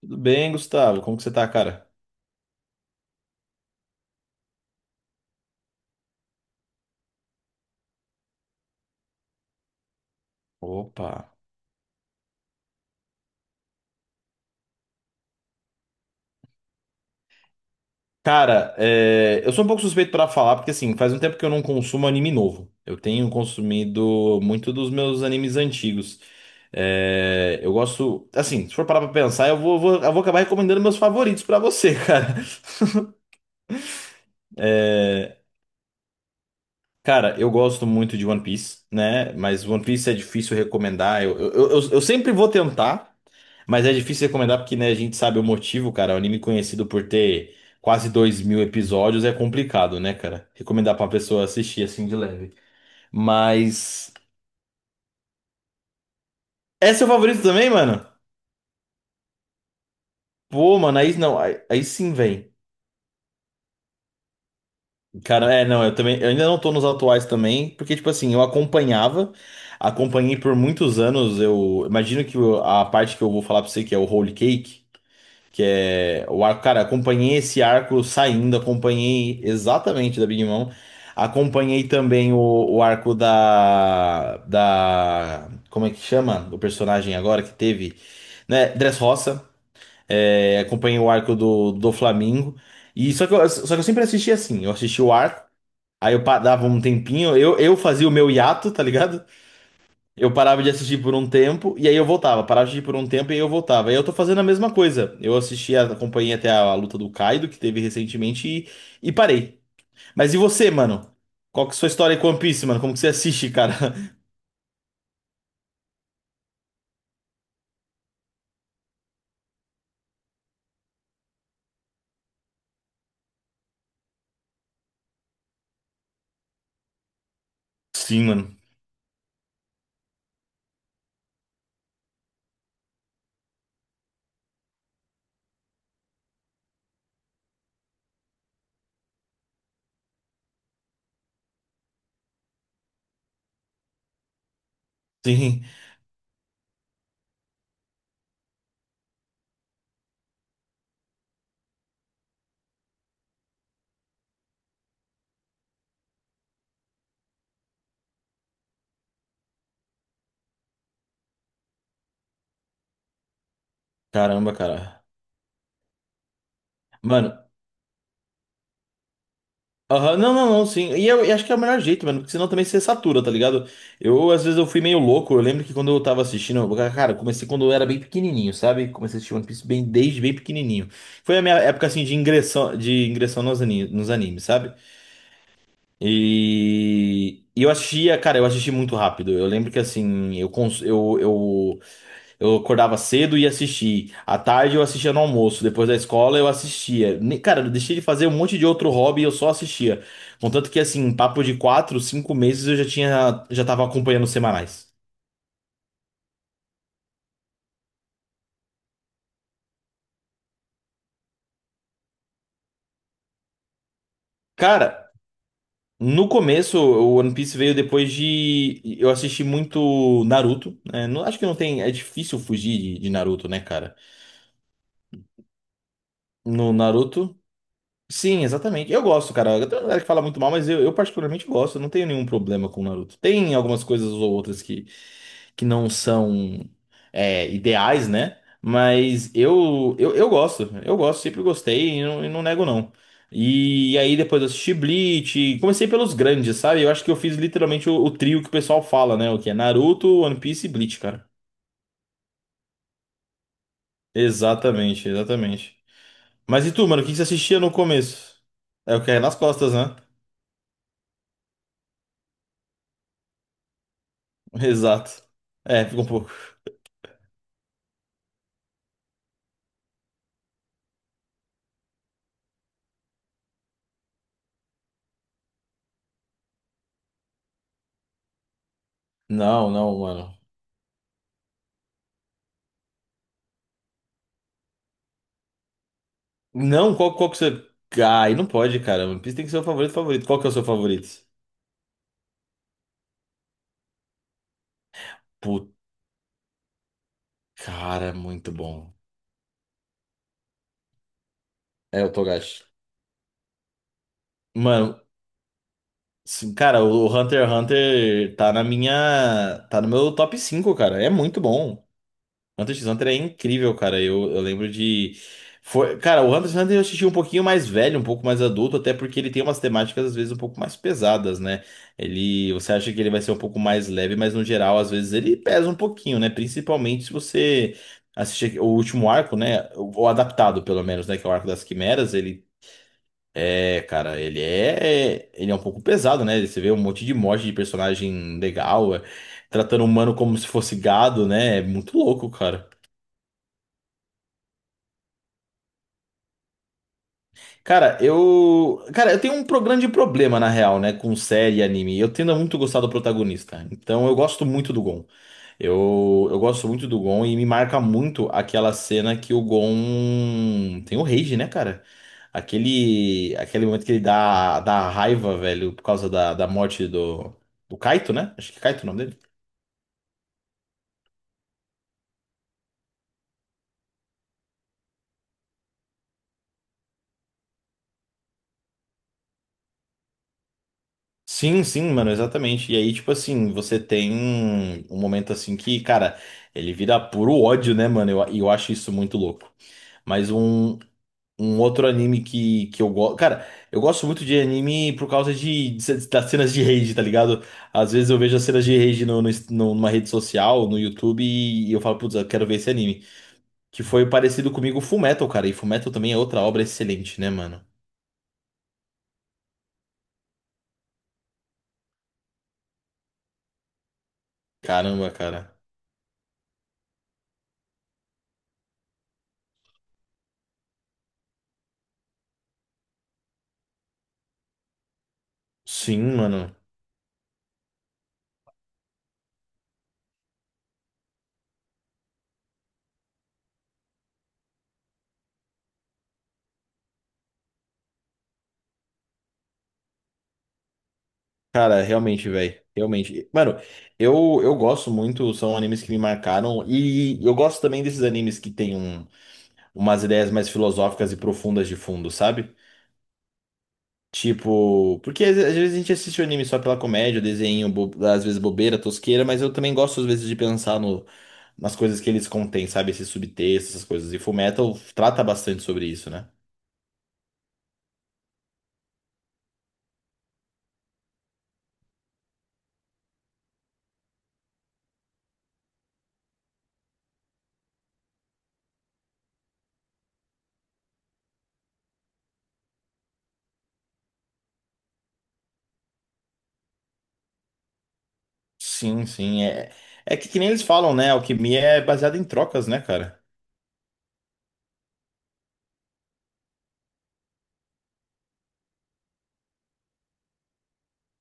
Tudo bem, Gustavo? Como que você tá, cara? Opa. Cara, eu sou um pouco suspeito pra falar, porque assim, faz um tempo que eu não consumo anime novo. Eu tenho consumido muito dos meus animes antigos. Eu gosto, assim, se for parar pra pensar, eu vou acabar recomendando meus favoritos pra você, cara. Cara, eu gosto muito de One Piece, né? Mas One Piece é difícil recomendar. Eu sempre vou tentar. Mas é difícil recomendar porque, né, a gente sabe o motivo, cara. O anime conhecido por ter quase 2.000 episódios é complicado, né, cara? Recomendar pra uma pessoa assistir assim de leve. Mas. É seu favorito também, mano? Pô, mano, aí não, aí sim, vem. Cara, é, não, eu também. Eu ainda não tô nos atuais também, porque, tipo assim, acompanhei por muitos anos. Eu imagino que o- a parte que eu vou falar pra você, que é o Holy Cake. Que é o arco, cara, acompanhei esse arco saindo, acompanhei exatamente da Big Mom. Acompanhei também o arco da. Como é que chama? O personagem agora que teve. Né? Dressrosa. É, acompanhei o arco do Flamingo. E só que eu sempre assisti assim. Eu assisti o arco, aí dava um tempinho, eu fazia o meu hiato, tá ligado? Eu parava de assistir por um tempo e aí eu voltava. Parava de assistir por um tempo e aí eu voltava. E eu tô fazendo a mesma coisa. Eu assisti, acompanhei até a luta do Kaido, que teve recentemente, e parei. Mas e você, mano? Qual que é a sua história com One Piece, mano? Como que você assiste, cara? Sim, mano. Sim. Caramba, cara. Mano, aham, não, não, não, sim. E eu, e acho que é o melhor jeito, mano, porque senão também você satura, tá ligado? Eu, às vezes, eu fui meio louco. Eu lembro que quando eu tava assistindo, cara, eu comecei quando eu era bem pequenininho, sabe? Comecei a assistir One Piece bem, desde bem pequenininho. Foi a minha época, assim, de ingressão nos animes, sabe? E eu assistia, cara, eu assisti muito rápido. Eu lembro que, assim, eu, cons- eu acordava cedo e ia assistir. À tarde eu assistia no almoço. Depois da escola eu assistia. Ne- Cara, eu deixei de fazer um monte de outro hobby e eu só assistia. Contanto que, assim, em papo de 4, 5 meses eu já tinha, já tava acompanhando os semanais. Cara, no começo o One Piece veio depois de. Eu assisti muito Naruto. Né? Não- acho que não tem. É difícil fugir de Naruto, né, cara? No Naruto. Sim, exatamente. Eu gosto, cara. Tem uma galera que fala muito mal, mas eu particularmente gosto. Eu não tenho nenhum problema com o Naruto. Tem algumas coisas ou outras que, que não são ideais, né? Mas eu gosto. Eu gosto, sempre gostei e não nego, não. E aí depois eu assisti Bleach. Comecei pelos grandes, sabe? Eu acho que eu fiz literalmente o trio que o pessoal fala, né? O que é Naruto, One Piece e Bleach, cara. Exatamente, exatamente. Mas e tu, mano? O que que você assistia no começo? É o que é nas costas, né? Exato. É, fica um pouco. Não, não, mano. Não, qual, qual que você. Ai, não pode, cara. One Piece tem que ser o favorito, favorito. Qual que é o seu favorito? Puta, cara, muito bom. É o Togashi. Mano, sim, cara, o Hunter x Hunter tá na minha. Tá no meu top 5 cara. É muito bom. Hunter x Hunter é incrível, cara. Eu lembro de. Foi... Cara, o Hunter x Hunter eu assisti um pouquinho mais velho, um pouco mais adulto, até porque ele tem umas temáticas, às vezes, um pouco mais pesadas, né? Ele. Você acha que ele vai ser um pouco mais leve, mas no geral, às vezes, ele pesa um pouquinho, né? Principalmente se você assistir o último arco, né? Ou adaptado, pelo menos, né? Que é o arco das quimeras. Ele é, cara, ele é. Ele é um pouco pesado, né? Você vê um monte de morte de personagem legal, é, tratando o humano como se fosse gado, né? É muito louco, cara. Cara, eu. Cara, eu tenho grande problema, na real, né, com série e anime. Eu tendo a muito gostar do protagonista. Então eu gosto muito do Gon. Eu gosto muito do Gon e me marca muito aquela cena que o Gon tem o rage, né, cara? Aquele momento que ele dá raiva, velho, por causa da morte do Kaito, né? Acho que é Kaito o nome dele. Sim, sim, mano, exatamente. E aí, tipo assim, você tem um momento assim que, cara, ele vira puro ódio, né, mano? Eu, e eu acho isso muito louco. Mas um outro anime que, eu gosto. Cara, eu gosto muito de anime por causa das cenas de rage, tá ligado? Às vezes eu vejo as cenas de rage numa rede social, no YouTube, e eu falo, putz, eu quero ver esse anime. Que foi parecido comigo Fullmetal, cara. E Fullmetal também é outra obra excelente, né, mano? Caramba, cara. Sim, mano. Cara, realmente, velho. Realmente. Mano, eu gosto muito, são animes que me marcaram. E eu gosto também desses animes que tem umas ideias mais filosóficas e profundas de fundo, sabe? Tipo, porque às às vezes a gente assiste o anime só pela comédia, desenho, bo- às vezes bobeira, tosqueira, mas eu também gosto às vezes de pensar no, nas coisas que eles contêm, sabe? Esses subtexto, essas coisas. E Fullmetal trata bastante sobre isso, né? Sim, sim. É, é que nem eles falam, né? Alquimia é baseada em trocas, né, cara?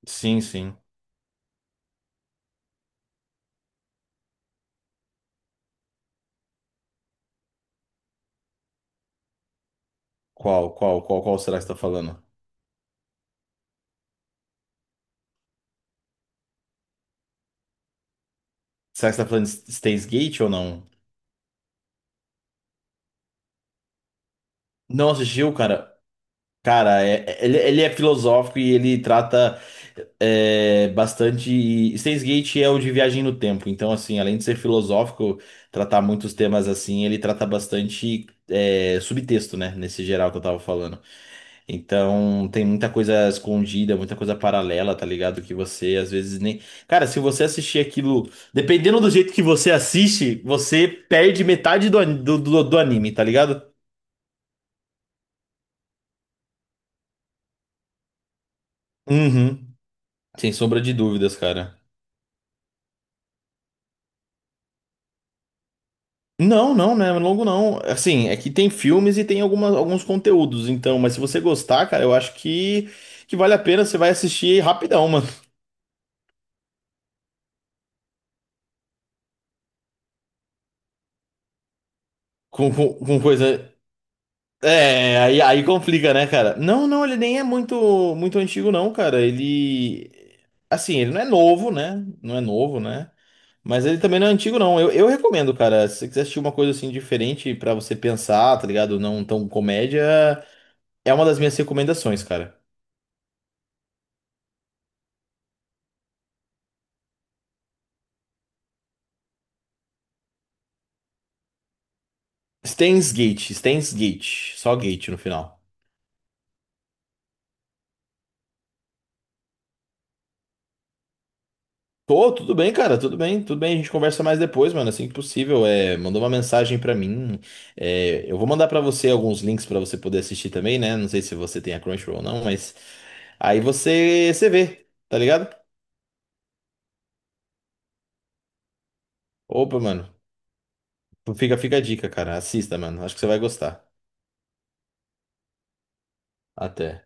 Sim, sim. Qual será que você tá falando? Será que você tá falando de Steins Gate ou não? Não assistiu, cara? Cara, ele é filosófico e ele trata bastante. E Steins Gate é o de viagem no tempo, então, assim, além de ser filosófico, tratar muitos temas assim, ele trata bastante subtexto, né? Nesse geral que eu tava falando. Então, tem muita coisa escondida, muita coisa paralela, tá ligado? Que você às vezes nem. Cara, se você assistir aquilo, dependendo do jeito que você assiste, você perde metade do, an- do, do do anime, tá ligado? Uhum. Sem sombra de dúvidas, cara. Não, não, né? Longo não. Assim, é que tem filmes e tem algumas, alguns conteúdos, então, mas se você gostar, cara, eu acho que vale a pena, você vai assistir rapidão, mano. Com coisa. É, aí complica, né, cara? Não, não, ele nem é muito, muito antigo, não, cara. Ele. Assim, ele não é novo, né? Não é novo, né? Mas ele também não é antigo, não. Eu recomendo, cara. Se você quiser assistir uma coisa assim diferente pra você pensar, tá ligado? Não tão comédia, é uma das minhas recomendações, cara. Steins Gate, Steins Gate, só Gate no final. Tô, tudo bem, cara, tudo bem, tudo bem. A gente conversa mais depois, mano, assim que possível. É, mandou uma mensagem pra mim. É, eu vou mandar pra você alguns links pra você poder assistir também, né? Não sei se você tem a Crunchyroll ou não, mas aí você, você vê, tá ligado? Opa, mano, fica a dica, cara. Assista, mano. Acho que você vai gostar. Até.